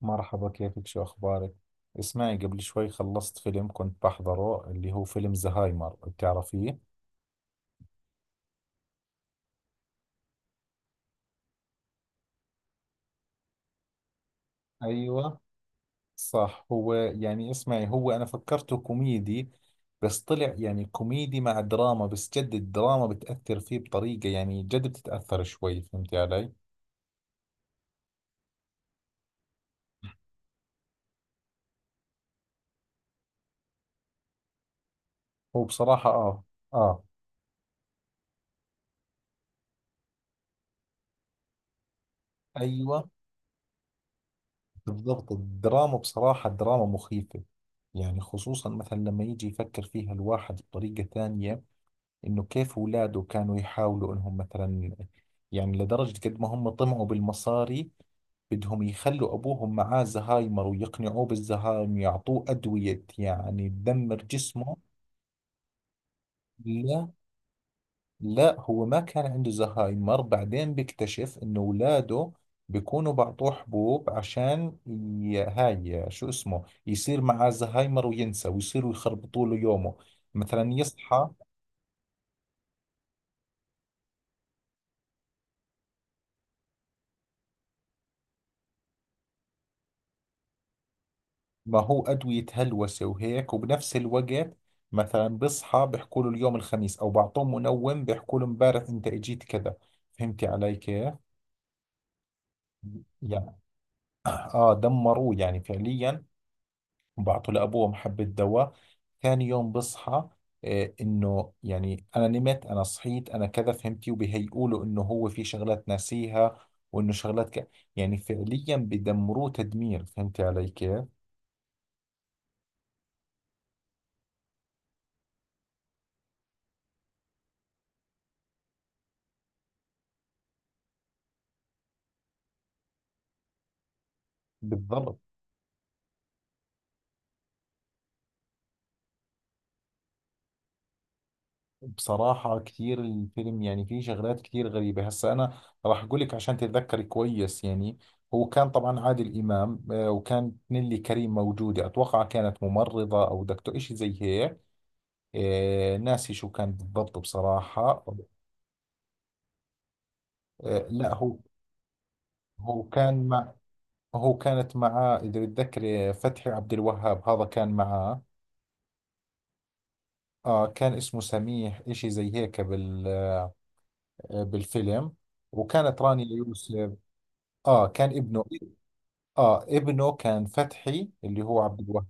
مرحبا، كيفك؟ شو أخبارك؟ اسمعي، قبل شوي خلصت فيلم كنت بحضره، اللي هو فيلم زهايمر. بتعرفيه؟ ايوه، صح، هو يعني اسمعي، هو أنا فكرته كوميدي، بس طلع يعني كوميدي مع دراما، بس جد الدراما بتأثر فيه بطريقة، يعني جد بتتأثر شوي. فهمتي علي؟ هو بصراحة آه. آه، أيوة، بالضبط، الدراما بصراحة دراما مخيفة. يعني خصوصا مثلا لما يجي يفكر فيها الواحد بطريقة ثانية، انه كيف اولاده كانوا يحاولوا انهم مثلا، يعني لدرجة قد ما هم طمعوا بالمصاري، بدهم يخلوا ابوهم معاه زهايمر ويقنعوه بالزهايمر، يعطوه ادوية يعني تدمر جسمه. لا، لا، هو ما كان عنده زهايمر، بعدين بيكتشف انه اولاده بيكونوا بعطوه حبوب عشان هاي شو اسمه، يصير معاه زهايمر وينسى، ويصيروا يخربطوا له يومه. مثلا يصحى، ما هو أدوية هلوسة وهيك، وبنفس الوقت مثلا بصحى بيحكوا له اليوم الخميس، أو بعطوه منوم بيحكوا له امبارح أنت إجيت كذا. فهمتي علي كيف؟ يعني آه، دمروه يعني فعليا. وبعطوا لأبوه حبة دواء، ثاني يوم بصحى، آه إنه يعني أنا نمت، أنا صحيت، أنا كذا، فهمتي؟ وبيهيئوا له إنه هو في شغلات ناسيها، وإنه شغلات يعني فعليا بدمروه تدمير. فهمتي علي كيف؟ بالضبط. بصراحة كتير الفيلم يعني فيه شغلات كتير غريبة. هسا أنا راح أقول لك عشان تتذكري كويس. يعني هو كان طبعا عادل إمام، وكانت نيلي كريم موجودة، أتوقع كانت ممرضة أو دكتور إشي زي هيك. آه، ناسي شو كان بالضبط بصراحة. آه، لا، هو هو كان مع هو كانت معاه، إذا بتذكري، فتحي عبد الوهاب، هذا كان معاه. آه، كان اسمه سميح إشي زي هيك آه، بالفيلم. وكانت رانيا يوسف. اه، كان ابنه. اه، ابنه كان فتحي اللي هو عبد الوهاب.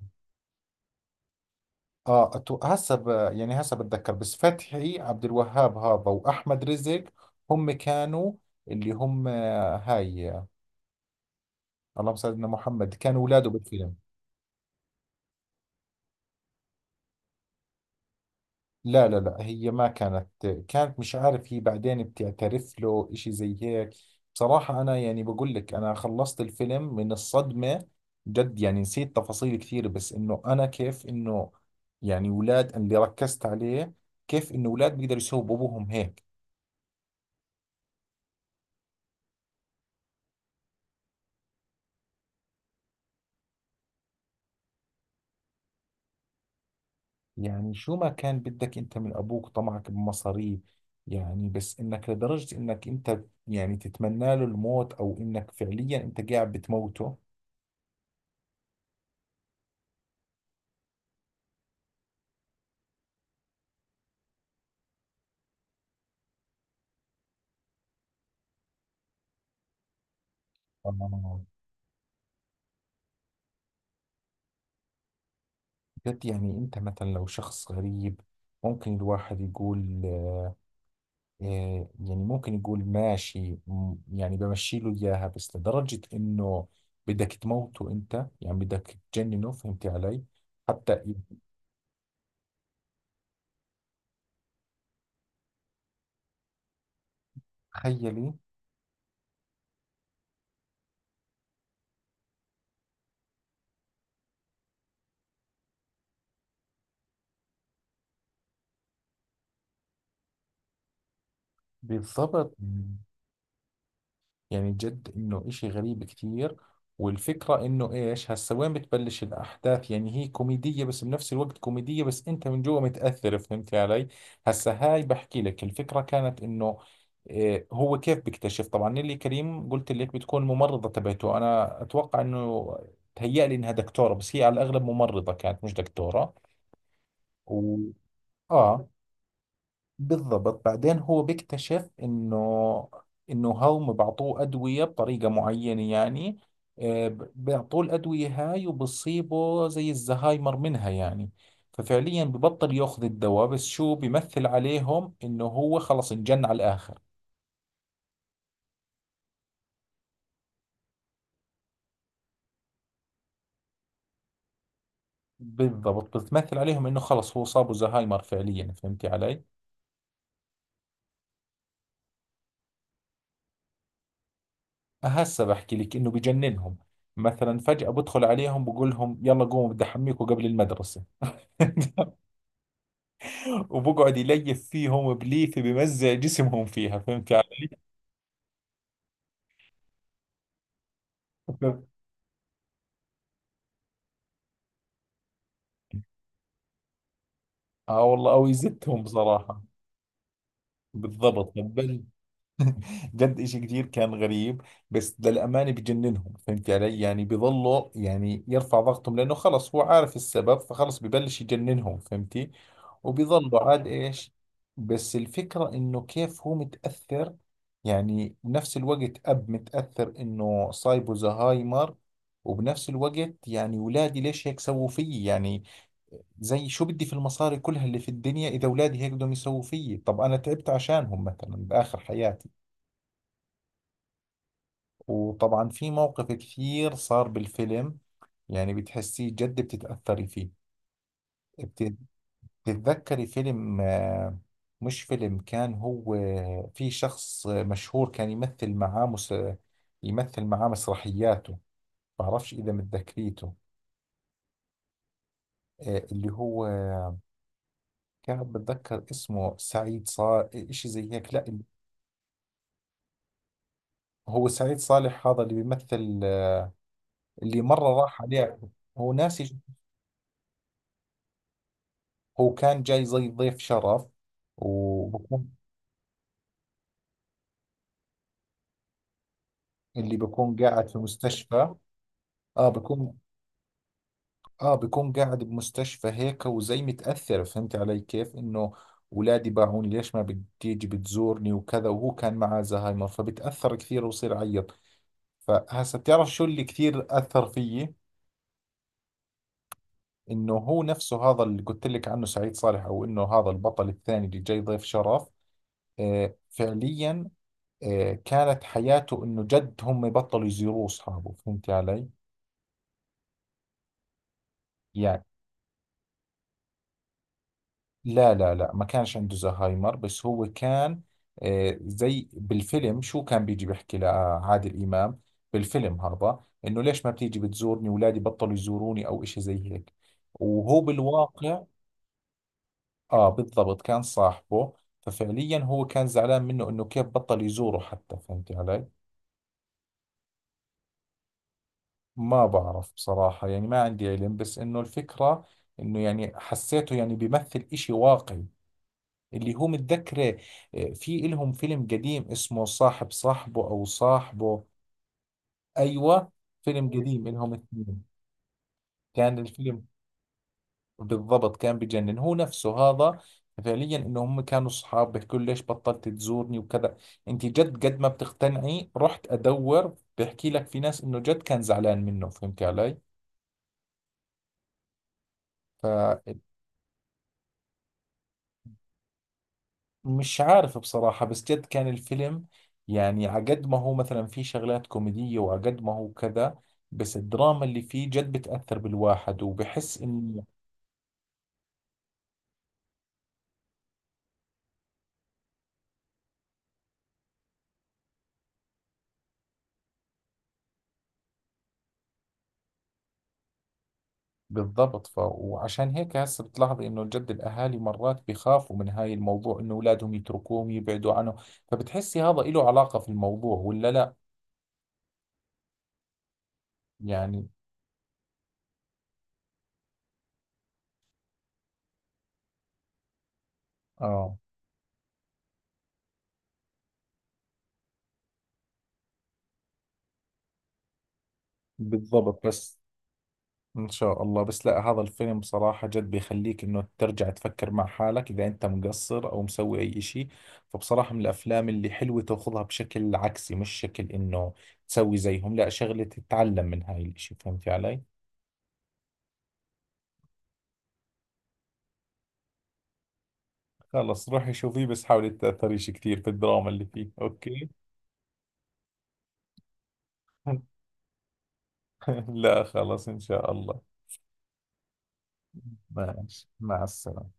اه، هسه يعني هسه بتذكر، بس فتحي عبد الوهاب هذا واحمد رزق هم كانوا، اللي هم آه، هاي آه، اللهم صل على سيدنا محمد، كانوا اولاده بالفيلم. لا، لا، لا، هي ما كانت، كانت مش عارف، هي بعدين بتعترف له اشي زي هيك. بصراحة انا، يعني بقول لك، انا خلصت الفيلم من الصدمة. جد يعني نسيت تفاصيل كثير، بس انه انا كيف انه، يعني ولاد، اللي ركزت عليه، كيف انه ولاد بيقدروا يسووا بابوهم هيك. يعني شو ما كان بدك انت من ابوك؟ طمعك بمصاري، يعني بس انك لدرجة انك انت يعني تتمنى له الموت، او انك فعليا انت قاعد بتموته. آه. بجد، يعني انت مثلا لو شخص غريب، ممكن الواحد يقول آه، يعني ممكن يقول ماشي، يعني بمشي له اياها، بس لدرجة انه بدك تموته انت، يعني بدك تجننه. فهمتي علي؟ حتى تخيلي. بالضبط. يعني جد انه اشي غريب كثير. والفكرة انه ايش هسا وين بتبلش الاحداث، يعني هي كوميدية، بس بنفس الوقت كوميدية بس انت من جوا متأثر. فهمت علي؟ هسا هاي بحكي لك، الفكرة كانت انه إيه، هو كيف بيكتشف؟ طبعا نيلي كريم، قلت لك بتكون ممرضة تبعته، انا اتوقع انه تهيأ لي انها دكتورة، بس هي على الاغلب ممرضة كانت، مش دكتورة. و... اه، بالضبط، بعدين هو بيكتشف انه، انه هم بعطوه ادويه بطريقه معينه، يعني آه، بيعطوه الادويه هاي، وبصيبه زي الزهايمر منها يعني. ففعليا ببطل ياخذ الدواء، بس شو بيمثل عليهم؟ انه هو خلص انجن على الاخر. بالضبط، بتمثل عليهم انه خلص هو صابه زهايمر فعليا. فهمتي علي؟ هسه بحكي لك، انه بجننهم. مثلا فجأة بدخل عليهم بقول لهم يلا قوموا بدي احميكم قبل المدرسة. وبقعد يليف فيهم بليفه بمزع جسمهم فيها. فهمت علي؟ اه والله، او يزتهم بصراحه. بالضبط، جد إشي كتير كان غريب. بس للأمانة بجننهم. فهمت علي؟ يعني بيظلوا، يعني يرفع ضغطهم، لأنه خلص هو عارف السبب، فخلص ببلش يجننهم. فهمتي؟ وبيظلوا عاد إيش. بس الفكرة إنه كيف هو متأثر، يعني بنفس الوقت أب متأثر إنه صايبه زهايمر، وبنفس الوقت يعني ولادي ليش هيك سووا فيي؟ يعني زي شو بدي في المصاري كلها اللي في الدنيا، إذا ولادي هيك بدهم يسووا فيي؟ طب أنا تعبت عشانهم مثلا بآخر حياتي. وطبعا في مواقف كثير صار بالفيلم، يعني بتحسيه جد بتتأثري فيه. بت- بتتذكري فيلم مش فيلم، كان هو في شخص مشهور كان يمثل معاه يمثل معاه مسرحياته. بعرفش إذا متذكريته. آه، اللي هو كان بتذكر اسمه سعيد صالح إشي زي هيك، لا. هو سعيد صالح هذا اللي بيمثل، اللي مرة راح عليه. هو ناسي. هو كان جاي زي ضيف شرف. و اللي بيكون قاعد في مستشفى. اه بيكون، اه بيكون قاعد بمستشفى هيك، وزي متأثر. فهمت علي كيف؟ انه اولادي باعوني، ليش ما بتيجي بتزورني؟ وكذا. وهو كان معاه زهايمر، فبتأثر كثير وبصير يعيط. فهسا بتعرف شو اللي كثير أثر فيي؟ انه هو نفسه هذا اللي قلت لك عنه، سعيد صالح، او انه هذا البطل الثاني اللي جاي ضيف شرف. آه فعليا، آه كانت حياته انه جد هم بطلوا يزوروه اصحابه. فهمت علي؟ يعني لا، لا، لا، ما كانش عنده زهايمر، بس هو كان آه، زي بالفيلم، شو كان بيجي بيحكي لعادل إمام بالفيلم هذا، إنه ليش ما بتيجي بتزورني؟ أولادي بطلوا يزوروني، أو إشي زي هيك. وهو بالواقع آه، بالضبط، كان صاحبه، ففعليا هو كان زعلان منه إنه كيف بطل يزوره حتى. فهمت علي؟ ما بعرف بصراحة، يعني ما عندي علم، بس إنه الفكرة، إنه يعني حسيته يعني بيمثل إشي واقعي، اللي هو متذكره. آه، في إلهم فيلم قديم اسمه صاحب، صاحبه، أو صاحبه. أيوة، فيلم قديم إلهم اثنين. كان الفيلم بالضبط كان بجنن هو نفسه هذا. فعليا انه هم كانوا اصحاب، بيحكوا له ليش بطلت تزورني؟ وكذا. انت جد قد ما بتقتنعي؟ رحت ادور، بحكي لك في ناس انه جد كان زعلان منه. فهمت علي؟ مش عارف بصراحة، بس جد كان الفيلم يعني عقد ما هو مثلا فيه شغلات كوميدية، وعقد ما هو كذا، بس الدراما اللي فيه جد بتأثر بالواحد. وبحس إنه بالضبط وعشان هيك هسه بتلاحظي إنه جد الأهالي مرات بيخافوا من هاي الموضوع، إنه أولادهم يتركوهم يبعدوا عنه. فبتحسي هذا إله علاقة في الموضوع ولا لا؟ يعني آه، بالضبط، بس ان شاء الله. بس لا، هذا الفيلم بصراحة جد بيخليك انه ترجع تفكر مع حالك، اذا انت مقصر او مسوي اي اشي. فبصراحة من الافلام اللي حلوة، تاخذها بشكل عكسي، مش شكل انه تسوي زيهم، لا، شغلة تتعلم من هاي الاشي. فهمتي علي؟ خلص، روحي شوفيه، بس حاولي تتأثريش كثير في الدراما اللي فيه، اوكي؟ لا خلص، ان شاء الله. ماشي، مع السلامة.